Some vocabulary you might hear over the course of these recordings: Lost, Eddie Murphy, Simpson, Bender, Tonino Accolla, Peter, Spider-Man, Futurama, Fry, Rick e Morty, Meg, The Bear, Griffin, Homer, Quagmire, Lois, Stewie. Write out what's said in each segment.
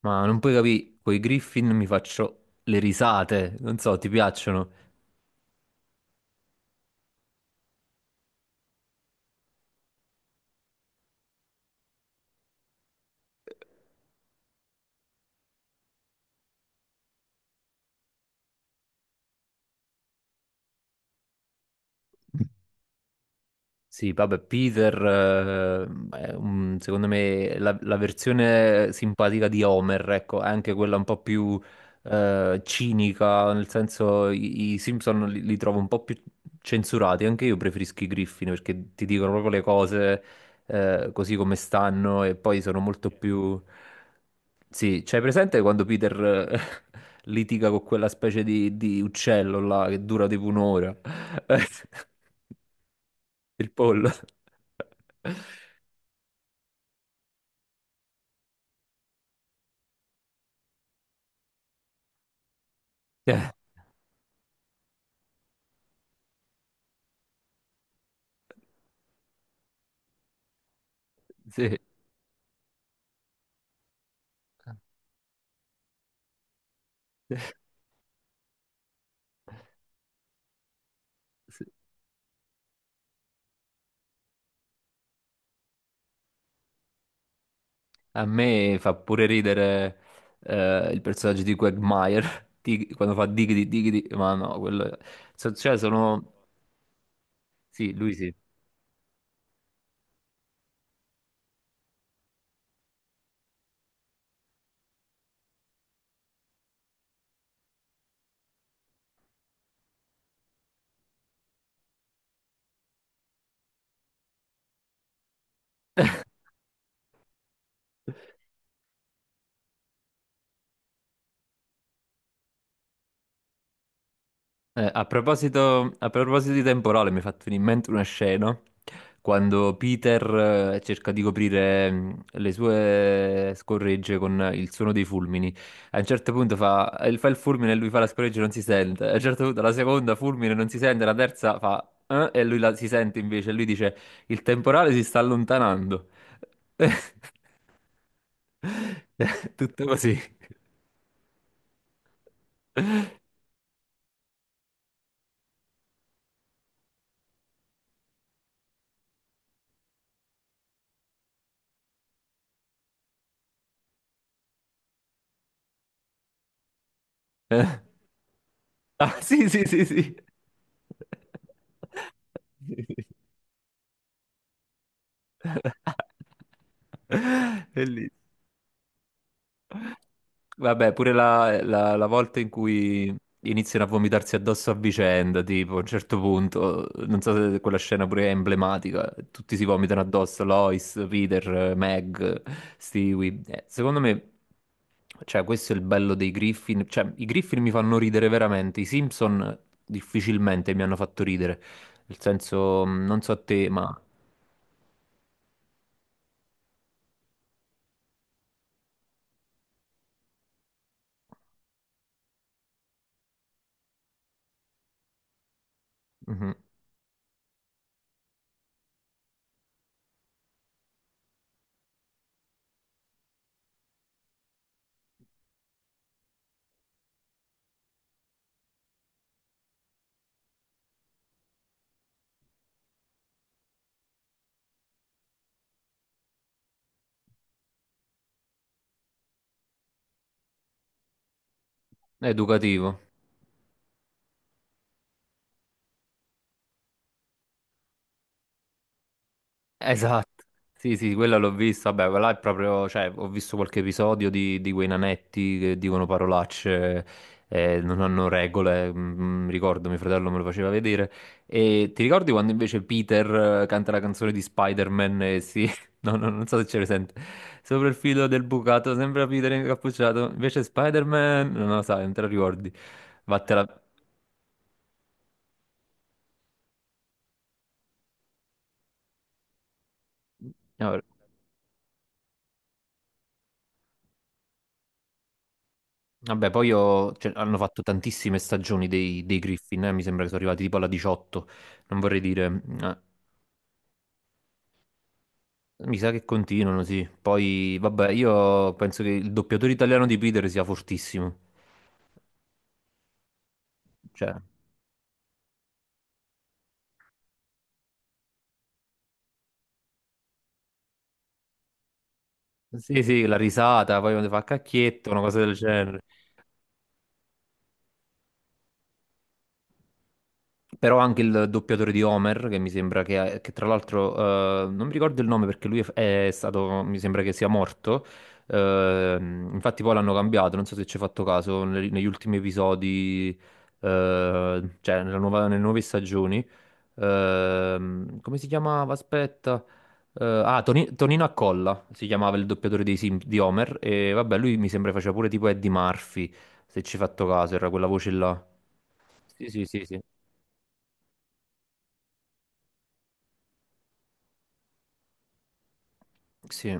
Ma non puoi capire, coi Griffin mi faccio le risate, non so, ti piacciono? Sì, vabbè, Peter, è un- secondo me la versione simpatica di Homer, ecco, è anche quella un po' più cinica, nel senso i Simpson li trovo un po' più censurati, anche io preferisco i Griffin perché ti dicono proprio le cose così come stanno e poi sono molto più... Sì, c'hai presente quando Peter eh, litiga con quella specie di uccello là che dura tipo un'ora? Il pollo. Cioè, sì. Sì. A me fa pure ridere il personaggio di Quagmire, quando fa diggity diggity, ma no, quello... Cioè, sono... Sì, lui sì. A proposito di temporale, mi è fatto venire in mente una scena quando Peter cerca di coprire le sue scorregge con il suono dei fulmini. A un certo punto fa, fa il fulmine e lui fa la scorreggia e non si sente. A un certo punto la seconda fulmine non si sente, la terza fa e lui la, si sente invece. E lui dice: Il temporale si sta allontanando. Tutto così. Eh. Ah, sì, sì, sì, sì. Bellissimo. Vabbè, pure la volta in cui iniziano a vomitarsi addosso a vicenda, tipo a un certo punto, non so se quella scena pure è emblematica, tutti si vomitano addosso, Lois, Peter, Meg, Stewie. Secondo me, cioè, questo è il bello dei Griffin, cioè, i Griffin mi fanno ridere veramente, i Simpson difficilmente mi hanno fatto ridere, nel senso, non so a te, ma... Mhm. È educativo. Esatto, sì, sì, quella l'ho vista. Vabbè, quella è proprio, cioè, ho visto qualche episodio di quei nanetti che dicono parolacce, non hanno regole. Ricordo, mio fratello me lo faceva vedere. E ti ricordi quando invece Peter canta la canzone di Spider-Man? E si... No, no, non so se ce presente. Sopra il filo del bucato, sembra Peter incappucciato. Invece Spider-Man, non lo sai, non te la ricordi. Vattela. No, vabbè, cioè, hanno fatto tantissime stagioni dei Griffin, mi sembra che sono arrivati tipo alla 18, non vorrei dire, mi sa che continuano, sì. Poi, vabbè, io penso che il doppiatore italiano di Peter sia fortissimo. Cioè, sì, sì, la risata, poi quando fa cacchietto, una cosa del genere. Però anche il doppiatore di Homer, che mi sembra che tra l'altro, non mi ricordo il nome perché lui è stato, mi sembra che sia morto. Infatti poi l'hanno cambiato, non so se ci hai fatto caso, negli ultimi episodi, cioè nelle nuove stagioni. Come si chiamava? Aspetta. Ah, Tonino Accolla si chiamava il doppiatore di Homer. E vabbè, lui mi sembra faceva pure tipo Eddie Murphy, se ci hai fatto caso, era quella voce là. Sì, sì, sì, sì. Sì.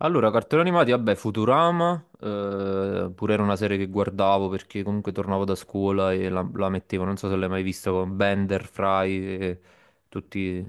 Allora, cartoni animati, vabbè, Futurama, pure era una serie che guardavo perché comunque tornavo da scuola e la mettevo, non so se l'hai mai vista con Bender, Fry e tutti...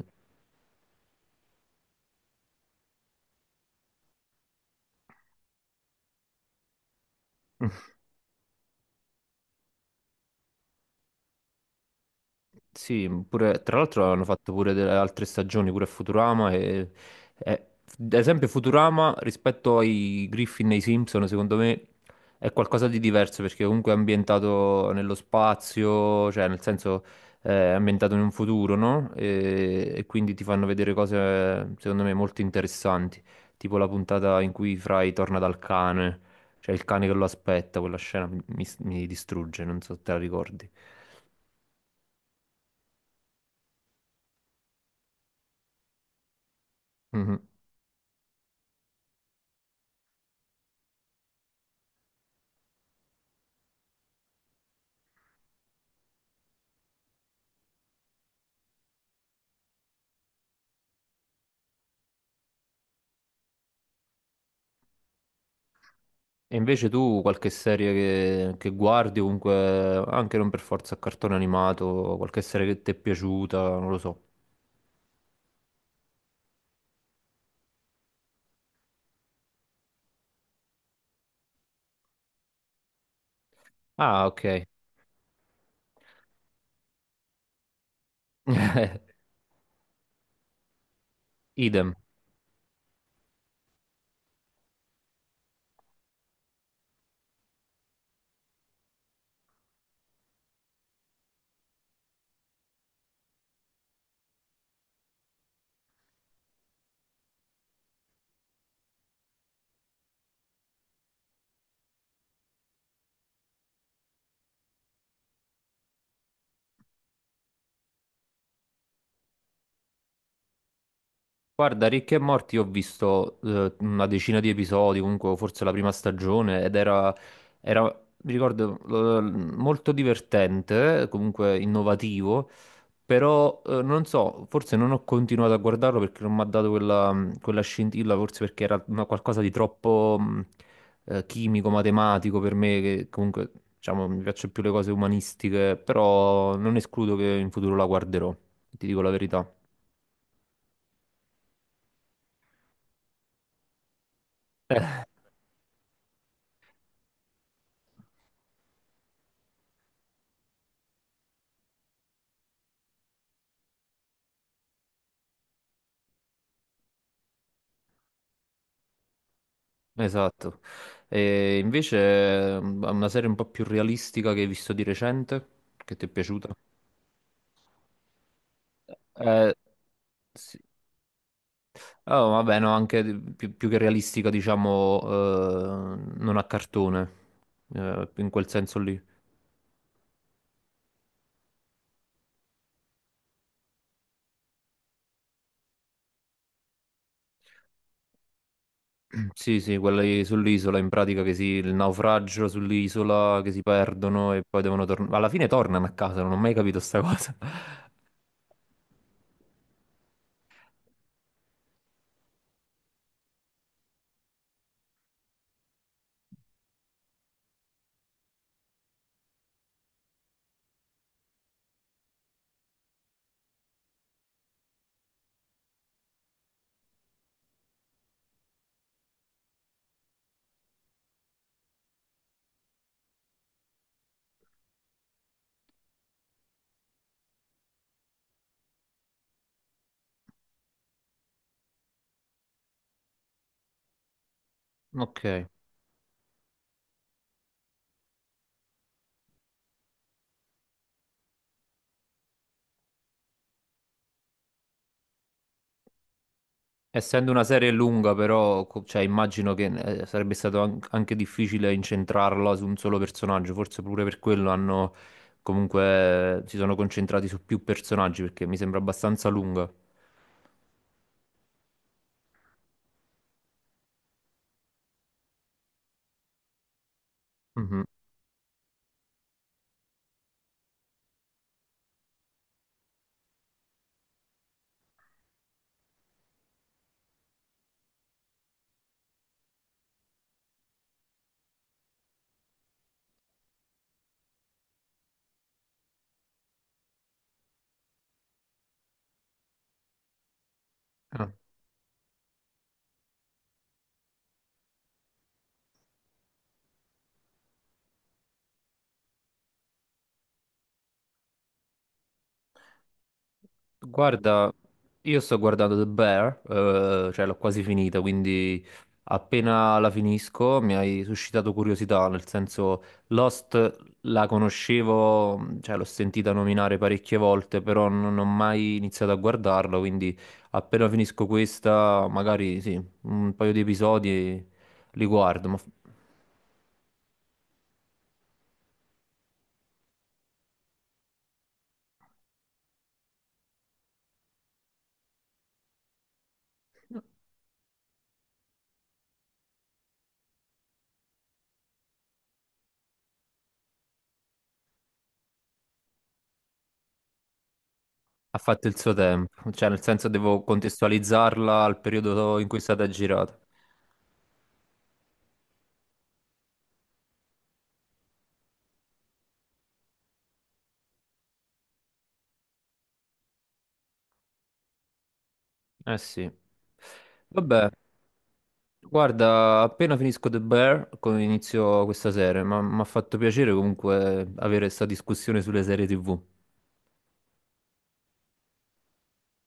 Sì, mhmm, pure, tra l'altro hanno fatto pure delle altre stagioni, pure a Futurama e ad esempio Futurama rispetto ai Griffin e ai Simpson, secondo me è qualcosa di diverso perché comunque è ambientato nello spazio, cioè nel senso è ambientato in un futuro, no? E quindi ti fanno vedere cose secondo me molto interessanti, tipo la puntata in cui Fry torna dal cane, cioè il cane che lo aspetta, quella scena mi distrugge, non so se te la ricordi. Mhm. E invece tu qualche serie che guardi, comunque, anche non per forza a cartone animato, qualche serie che ti è piaciuta, non lo so. Ah, ok. Idem. Guarda, Rick e Morty ho visto una decina di episodi, comunque forse la prima stagione, era, mi ricordo, molto divertente, comunque innovativo. Però non so, forse non ho continuato a guardarlo perché non mi ha dato quella scintilla, forse perché era una- qualcosa di troppo chimico, matematico per me, che comunque diciamo mi piacciono più le cose umanistiche, però non escludo che in futuro la guarderò, ti dico la verità. Esatto. E invece una serie un po' più realistica che hai visto di recente, che ti è piaciuta? Eh, sì. Oh, vabbè, no, anche più, più che realistica, diciamo, non a cartone, in quel senso lì. Sì, sì, quella lì sull'isola, in pratica il naufragio sull'isola, che si perdono e poi devono tornare. Alla fine tornano a casa, non ho mai capito sta cosa. Ok. Essendo una serie lunga, però, cioè, immagino che sarebbe stato anche difficile incentrarla su un solo personaggio, forse pure per quello hanno comunque si sono concentrati su più personaggi perché mi sembra abbastanza lunga. Mhm. Ah. Guarda, io sto guardando The Bear, cioè l'ho quasi finita, quindi appena la finisco mi hai suscitato curiosità, nel senso Lost la conoscevo, cioè l'ho sentita nominare parecchie volte, però non ho mai iniziato a guardarla, quindi appena finisco questa, magari sì, un paio di episodi li guardo, ha fatto il suo tempo, cioè nel senso devo contestualizzarla al periodo in cui è stata girata. Eh sì. Vabbè, guarda, appena finisco The Bear, inizio questa serie, ma mi ha fatto piacere comunque avere questa discussione sulle serie TV.